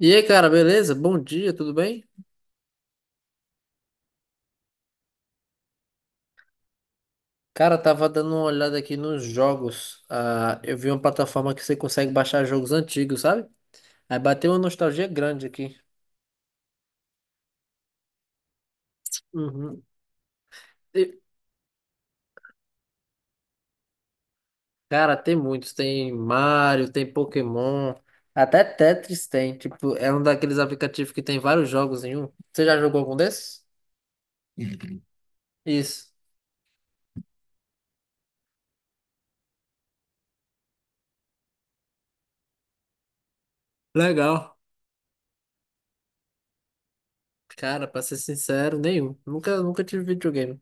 E aí, cara, beleza? Bom dia, tudo bem? Cara, tava dando uma olhada aqui nos jogos. Ah, eu vi uma plataforma que você consegue baixar jogos antigos, sabe? Aí bateu uma nostalgia grande aqui. Uhum. E, cara, tem muitos. Tem Mario, tem Pokémon, até Tetris tem. Tipo, é um daqueles aplicativos que tem vários jogos em um. Você já jogou algum desses? Isso. Legal. Cara, pra ser sincero, nenhum. Nunca tive videogame.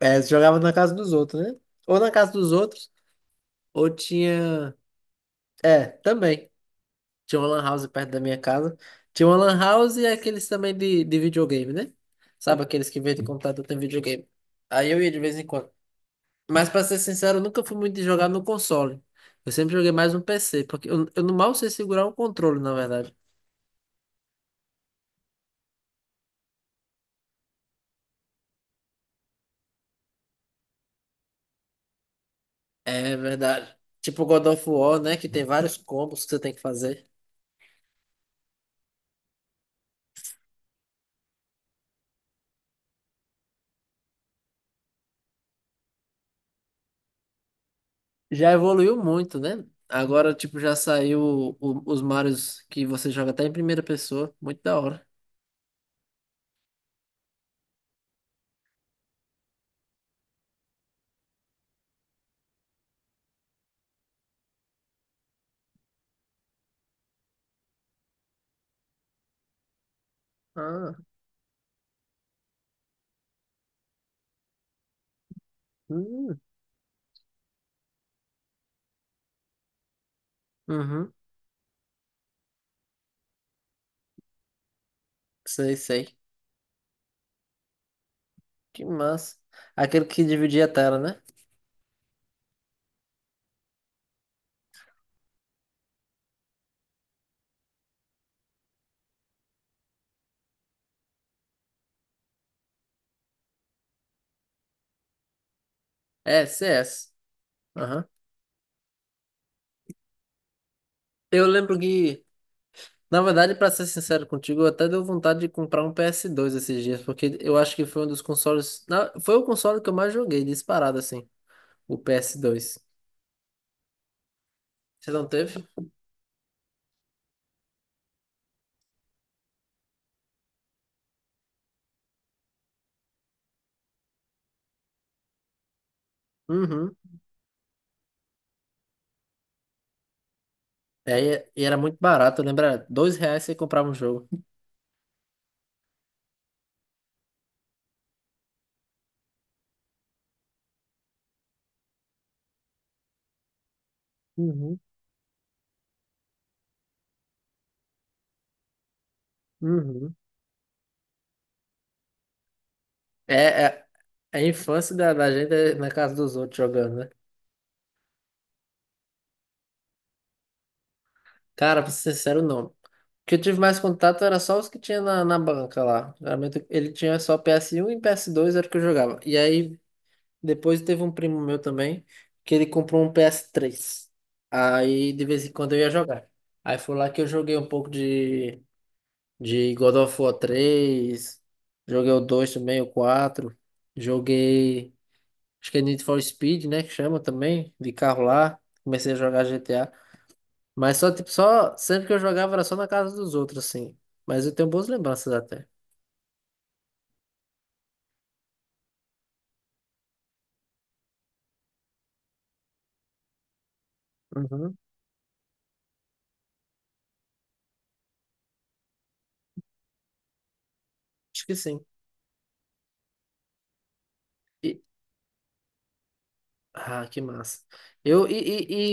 É, você jogava na casa dos outros, né? Ou na casa dos outros, ou tinha. É, também. Tinha uma lan house perto da minha casa. Tinha uma lan house e aqueles também de videogame, né? Sabe, aqueles que vendem computador tem videogame. Aí eu ia de vez em quando. Mas pra ser sincero, eu nunca fui muito de jogar no console. Eu sempre joguei mais no PC, porque eu não mal sei segurar um controle, na verdade. É verdade. Tipo God of War, né? Que tem vários combos que você tem que fazer. Já evoluiu muito, né? Agora, tipo, já saiu os Marios que você joga até em primeira pessoa. Muito da hora. Ah, hum. Uhum, sei, sei. Que massa. Aquele que dividia a tela, né? É, CS. Aham. Eu lembro que, na verdade, pra ser sincero contigo, eu até deu vontade de comprar um PS2 esses dias, porque eu acho que foi um dos consoles. Foi o console que eu mais joguei, disparado assim, o PS2. Você não teve? Uhum. É, e era muito barato, lembra? 2 reais você comprava um jogo. Uhum, uhum. É, é, a infância da gente é na casa dos outros jogando, né? Cara, pra ser sincero, não. O que eu tive mais contato era só os que tinha na banca lá. Geralmente ele tinha só PS1 e PS2 era o que eu jogava. E aí depois teve um primo meu também que ele comprou um PS3. Aí de vez em quando eu ia jogar. Aí foi lá que eu joguei um pouco de God of War 3, joguei o 2 também, o quatro, joguei, acho que é Need for Speed, né, que chama também, de carro lá. Comecei a jogar GTA. Mas só, tipo, só. Sempre que eu jogava era só na casa dos outros, assim. Mas eu tenho boas lembranças até. Uhum. Acho que sim. E- ah, que massa. Eu, e,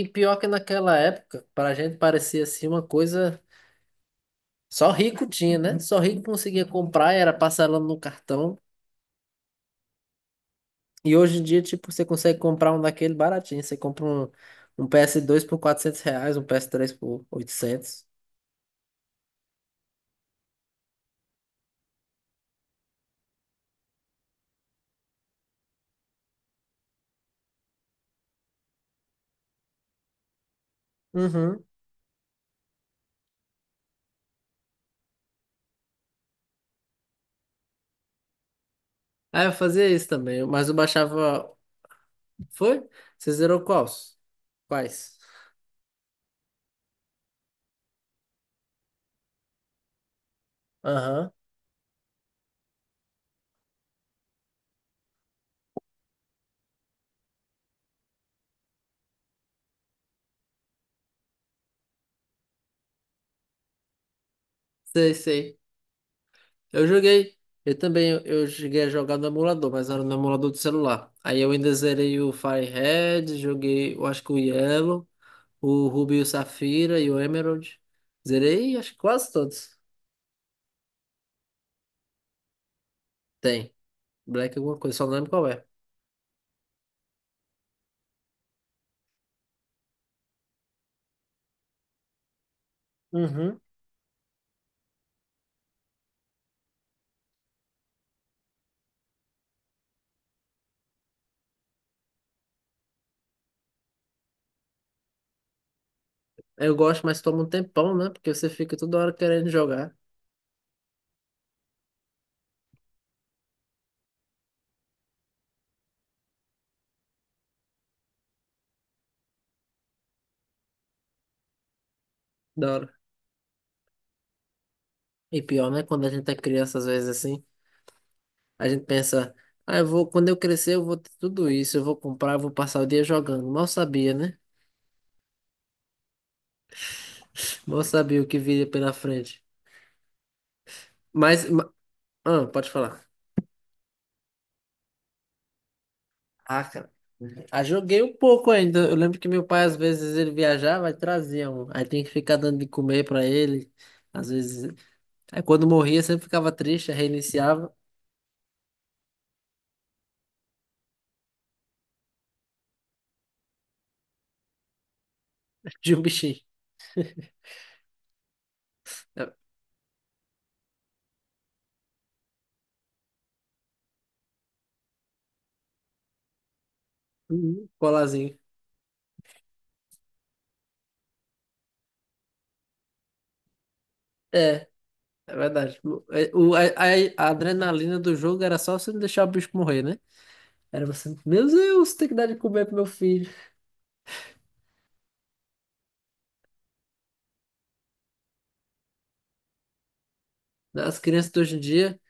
e, e pior que naquela época, pra gente parecia assim uma coisa. Só rico tinha, né? Só rico conseguia comprar, era parcelando no cartão. E hoje em dia, tipo, você consegue comprar um daquele baratinho. Um ps dois por 400 reais, um ps três por 800. Uhum. Ah, eu fazia isso também, mas eu baixava. Foi? Você zerou quais? Quais? Aham. Sei, sei. Eu joguei. Eu também, eu cheguei a jogar no emulador, mas era no emulador do celular. Aí eu ainda zerei o Firehead, joguei, eu acho que o Yellow, o Ruby e o Safira e o Emerald. Zerei, acho que quase todos. Tem. Black alguma coisa, só não lembro qual é. Uhum. Eu gosto, mas toma um tempão, né? Porque você fica toda hora querendo jogar. Da hora. E pior, né? Quando a gente é criança, às vezes assim a gente pensa, ah, eu vou, quando eu crescer, eu vou ter tudo isso, eu vou comprar, eu vou passar o dia jogando. Mal sabia, né? Mal sabia o que viria pela frente. Mas, ma- ah, pode falar. Ah, cara, ah, joguei um pouco ainda. Eu lembro que meu pai, às vezes, ele viajava e trazia um. Aí tinha que ficar dando de comer pra ele. Às vezes. Aí quando morria, sempre ficava triste, aí reiniciava. De um bichinho. É, uhum, Colazinho. É, é verdade. O, é, o- a adrenalina do jogo era só você não deixar o bicho morrer, né? Era você, meu Deus, tem que dar de comer pro meu filho. As crianças de hoje em dia,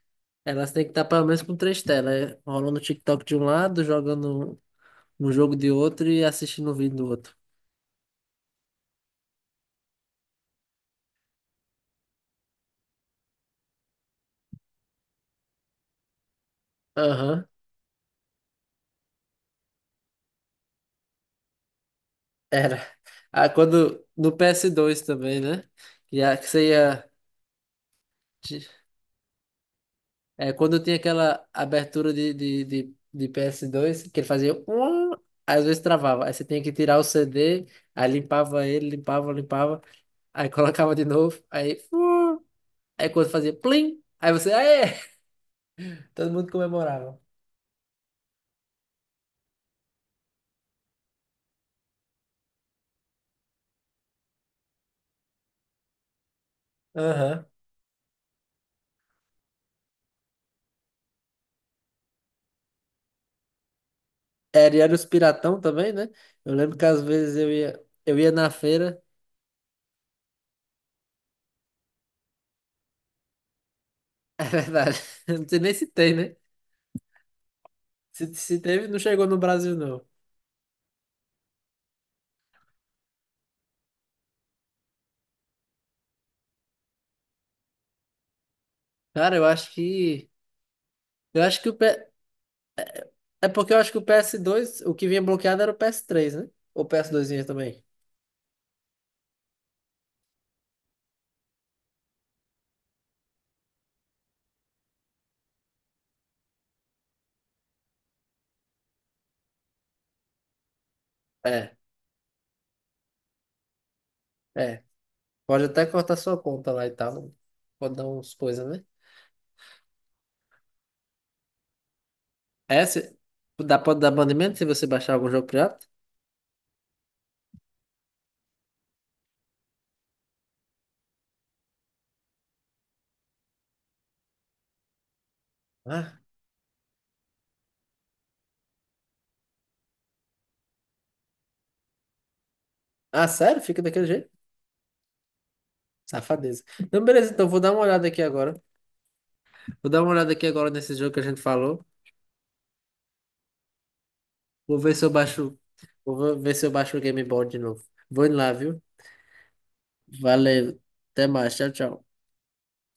elas têm que estar pelo menos com três telas, rolando o TikTok de um lado, jogando um jogo de outro e assistindo um vídeo do outro. Aham, era. Ah, quando no PS2 também, né? E a, que você ia. Ti- É, quando tinha aquela abertura de PS2, que ele fazia. Às vezes travava. Aí você tinha que tirar o CD, aí limpava ele, limpava, limpava, aí colocava de novo, aí. Aí quando fazia plim, aí você, aê! Todo mundo comemorava. Aham. E era os piratão também, né? Eu lembro que às vezes eu ia na feira. É verdade. Eu não sei nem se tem, né? Se teve, não chegou no Brasil, não. Cara, eu acho que. Eu acho que o P... É porque eu acho que o PS2 o que vinha bloqueado era o PS3, né? Ou o PS2 vinha também. É, é. Pode até cortar sua conta lá e tal. Pode dar uns coisas, né? É, se... Dá, pode dar banimento se você baixar algum jogo pirata? Ah, ah, sério? Fica daquele jeito? Safadeza. Então, beleza, então vou dar uma olhada aqui agora. Vou dar uma olhada aqui agora nesse jogo que a gente falou. Vou ver se eu baixo. Vou ver se eu baixo o Game Boy de novo. Vou indo lá, viu? Valeu. Até mais. Tchau, tchau.